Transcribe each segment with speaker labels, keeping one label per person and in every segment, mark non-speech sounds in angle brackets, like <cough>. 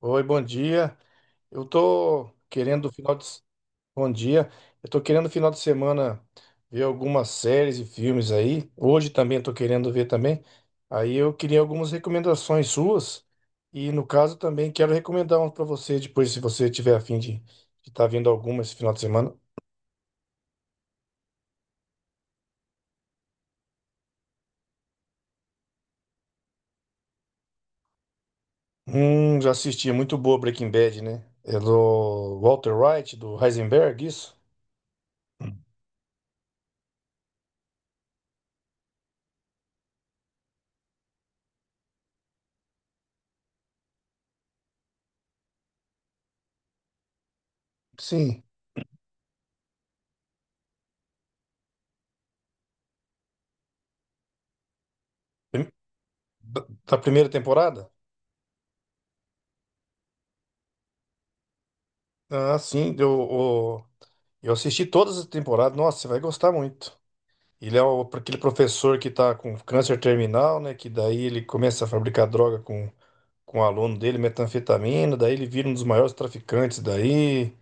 Speaker 1: Oi, bom dia. Eu tô querendo final de... Bom dia. Eu tô querendo final de semana ver algumas séries e filmes aí. Hoje também tô querendo ver também. Aí eu queria algumas recomendações suas. E no caso também quero recomendar uns para você depois, se você tiver a fim de estar vendo alguma esse final de semana. Já assisti. É muito boa Breaking Bad, né? É do Walter White, do Heisenberg, isso? Sim. Prim- da primeira temporada? Ah, sim. Deu, o Eu assisti todas as temporadas, nossa, você vai gostar muito. Aquele professor que tá com câncer terminal, né? Que daí ele começa a fabricar droga com o aluno dele, metanfetamina, daí ele vira um dos maiores traficantes daí.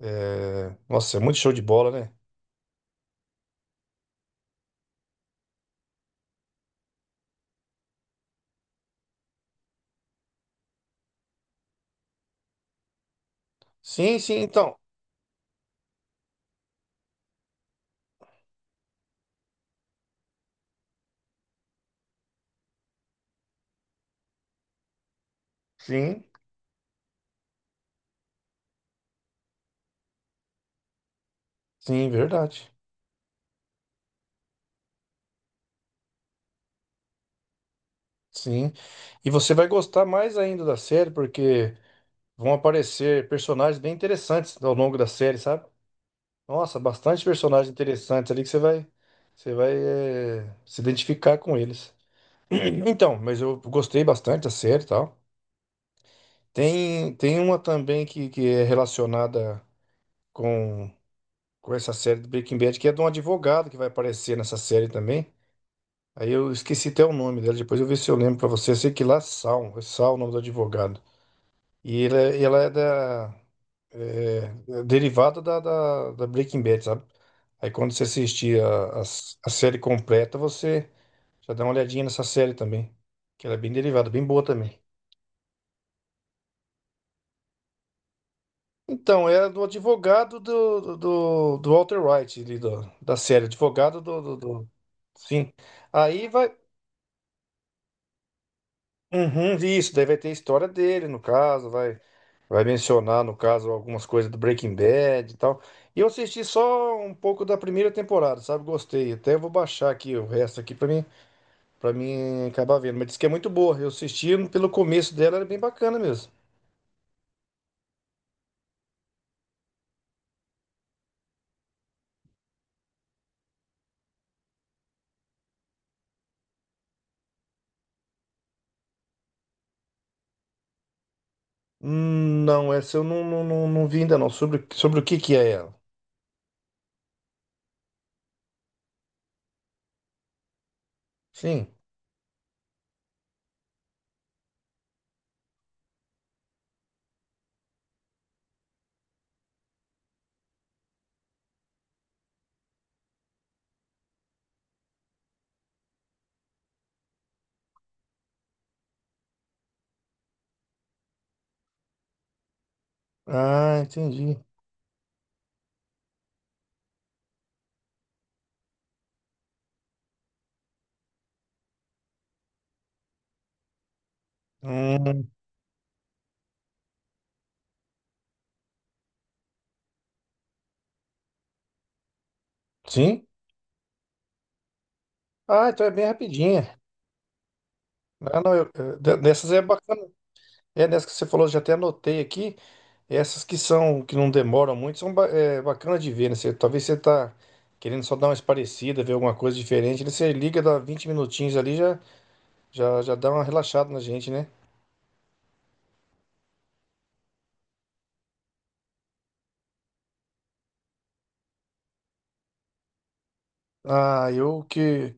Speaker 1: É, nossa, é muito show de bola, né? Sim, sim, então. Sim, sim, verdade. Sim. E você vai gostar mais ainda da série, porque vão aparecer personagens bem interessantes ao longo da série, sabe? Nossa, bastante personagens interessantes ali que você vai se identificar com eles. <clears throat> Então, mas eu gostei bastante da série e tal. Tem uma também que é relacionada com, com essa série do Breaking Bad, que é de um advogado que vai aparecer nessa série também. Aí eu esqueci até o nome dela, depois eu ver se eu lembro pra você. Eu sei que lá é Sal o nome do advogado. E ela é da. É, É derivada da Breaking Bad, sabe? Aí quando você assistir a série completa, você já dá uma olhadinha nessa série também. Que ela é bem derivada, bem boa também. Então, era do advogado do Walter White, da série. Advogado Sim. Aí vai. Uhum, isso, daí vai ter a história dele, no caso, vai. Vai mencionar, no caso, algumas coisas do Breaking Bad e tal. E eu assisti só um pouco da primeira temporada, sabe? Gostei. Até vou baixar aqui o resto aqui pra mim, para mim acabar vendo. Mas disse que é muito boa. Eu assisti pelo começo dela, era bem bacana mesmo. Não, essa eu não vi ainda não. Sobre o que que é ela? Sim. Ah, entendi. Hum, sim? Ah, então é bem rapidinha. Ah, não, dessas é bacana. É, nessa que você falou, eu já até anotei aqui. Essas que são, que não demoram muito, são é, bacanas de ver, né? Talvez você tá querendo só dar uma esparecida, ver alguma coisa diferente, né? Você liga, dá 20 minutinhos ali, já dá uma relaxada na gente, né? Ah, eu que...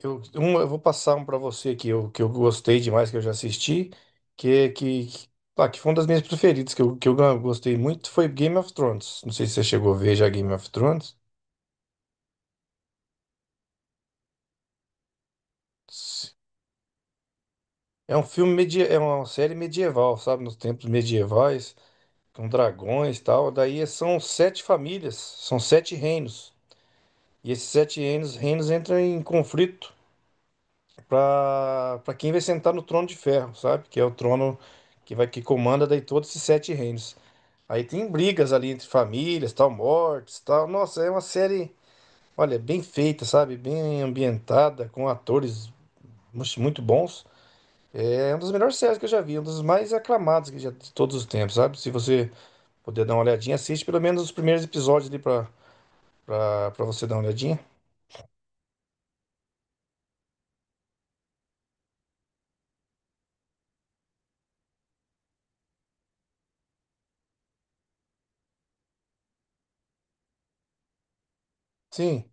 Speaker 1: Eu vou passar um pra você que eu gostei demais, que eu já assisti, que, que, que, que foi uma das minhas preferidas, que eu gostei muito, foi Game of Thrones. Não sei se você chegou a ver já Game of Thrones. É uma série medieval, sabe? Nos tempos medievais com dragões e tal. Daí é, são sete famílias, são sete reinos. E esses sete reinos entram em conflito para quem vai sentar no trono de ferro, sabe? Que é o trono que comanda daí todos esses sete reinos. Aí tem brigas ali entre famílias, tal, mortes, tal. Nossa, é uma série, olha, bem feita, sabe? Bem ambientada, com atores muito bons. É uma das melhores séries que eu já vi, uma das mais aclamadas que já de todos os tempos, sabe? Se você puder dar uma olhadinha, assiste pelo menos os primeiros episódios ali para você dar uma olhadinha. Sim,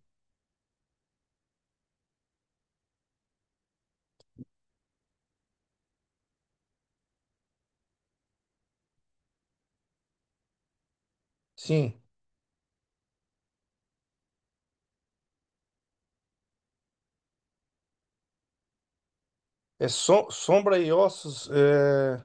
Speaker 1: sim. Sombra e Ossos. é,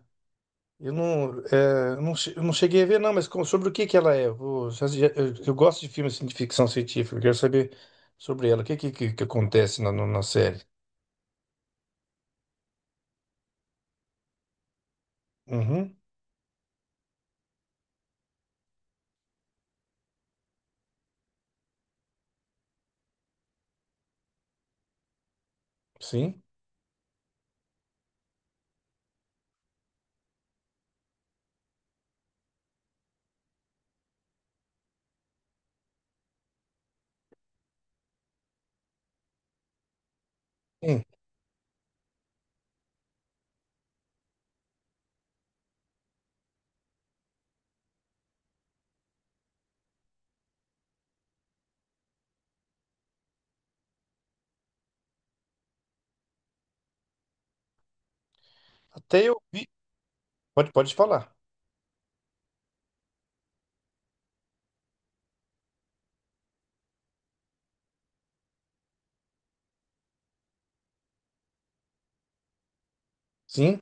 Speaker 1: eu não, é, eu não, che- Eu não cheguei a ver, não, sobre o que que ela é? Eu, vou- já- já- eu- Eu gosto de filmes assim, de ficção científica, eu quero saber sobre ela. O que, Que acontece na, no- na série? Uhum, sim, sim. Até eu vi. Pode, pode falar. Sim.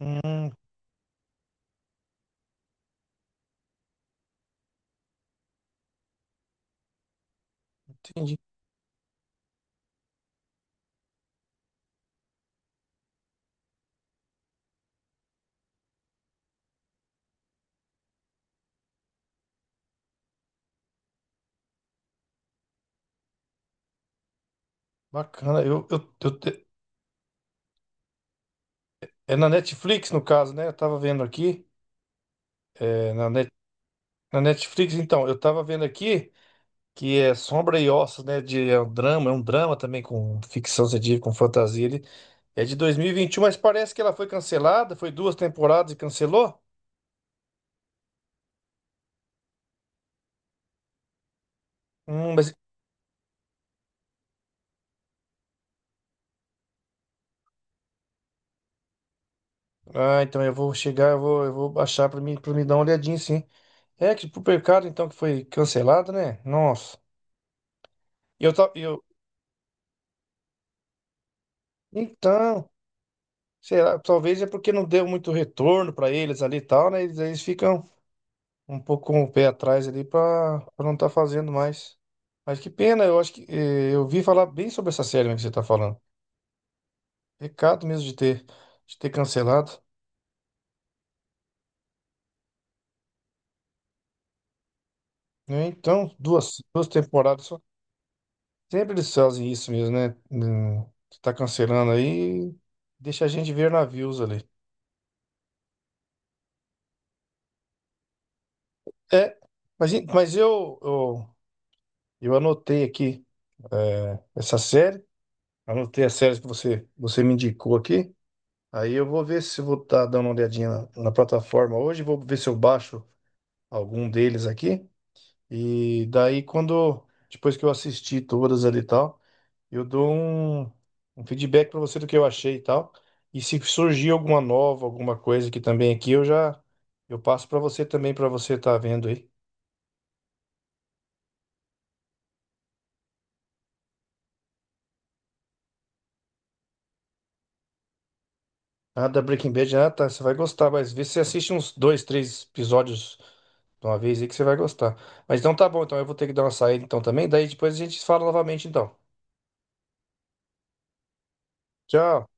Speaker 1: Hum, entendi. Bacana. É na Netflix, no caso, né? Eu tava vendo aqui. é, na, Net- Na Netflix, então, eu tava vendo aqui, que é Sombra e Ossos, né? É um drama também com ficção científica, com fantasia. Ele é de 2021, mas parece que ela foi cancelada, foi duas temporadas e cancelou. Hum, mas... Ah, então eu vou chegar, eu vou baixar pra mim, pra me dar uma olhadinha, sim. É que pro pecado, então, que foi cancelado, né? Nossa. E Eu, ta- eu... Então, será? Talvez é porque não deu muito retorno pra eles ali e tal, né? Eles ficam um pouco com o pé atrás ali pra não estar fazendo mais. Mas que pena, eu acho que eu vi falar bem sobre essa série mesmo que você tá falando. Pecado mesmo de ter cancelado, né? Então, duas temporadas só. Sempre eles fazem isso mesmo, né? Tá cancelando aí, deixa a gente ver navios ali. É, mas, en- mas eu, eu, eu anotei aqui essa série, anotei as séries que você me indicou aqui. Aí eu vou ver se eu vou estar dando uma olhadinha na plataforma hoje, vou ver se eu baixo algum deles aqui. E daí quando, depois que eu assistir todas ali e tal, eu dou um feedback para você do que eu achei e tal. E se surgir alguma nova, alguma coisa que também aqui, eu passo para você também para você estar vendo aí. Ah, da Breaking Bad, ah, tá, você vai gostar, mas vê se você assiste uns dois, três episódios de uma vez aí que você vai gostar. Mas então tá bom, então eu vou ter que dar uma saída então também, daí depois a gente fala novamente então. Tchau.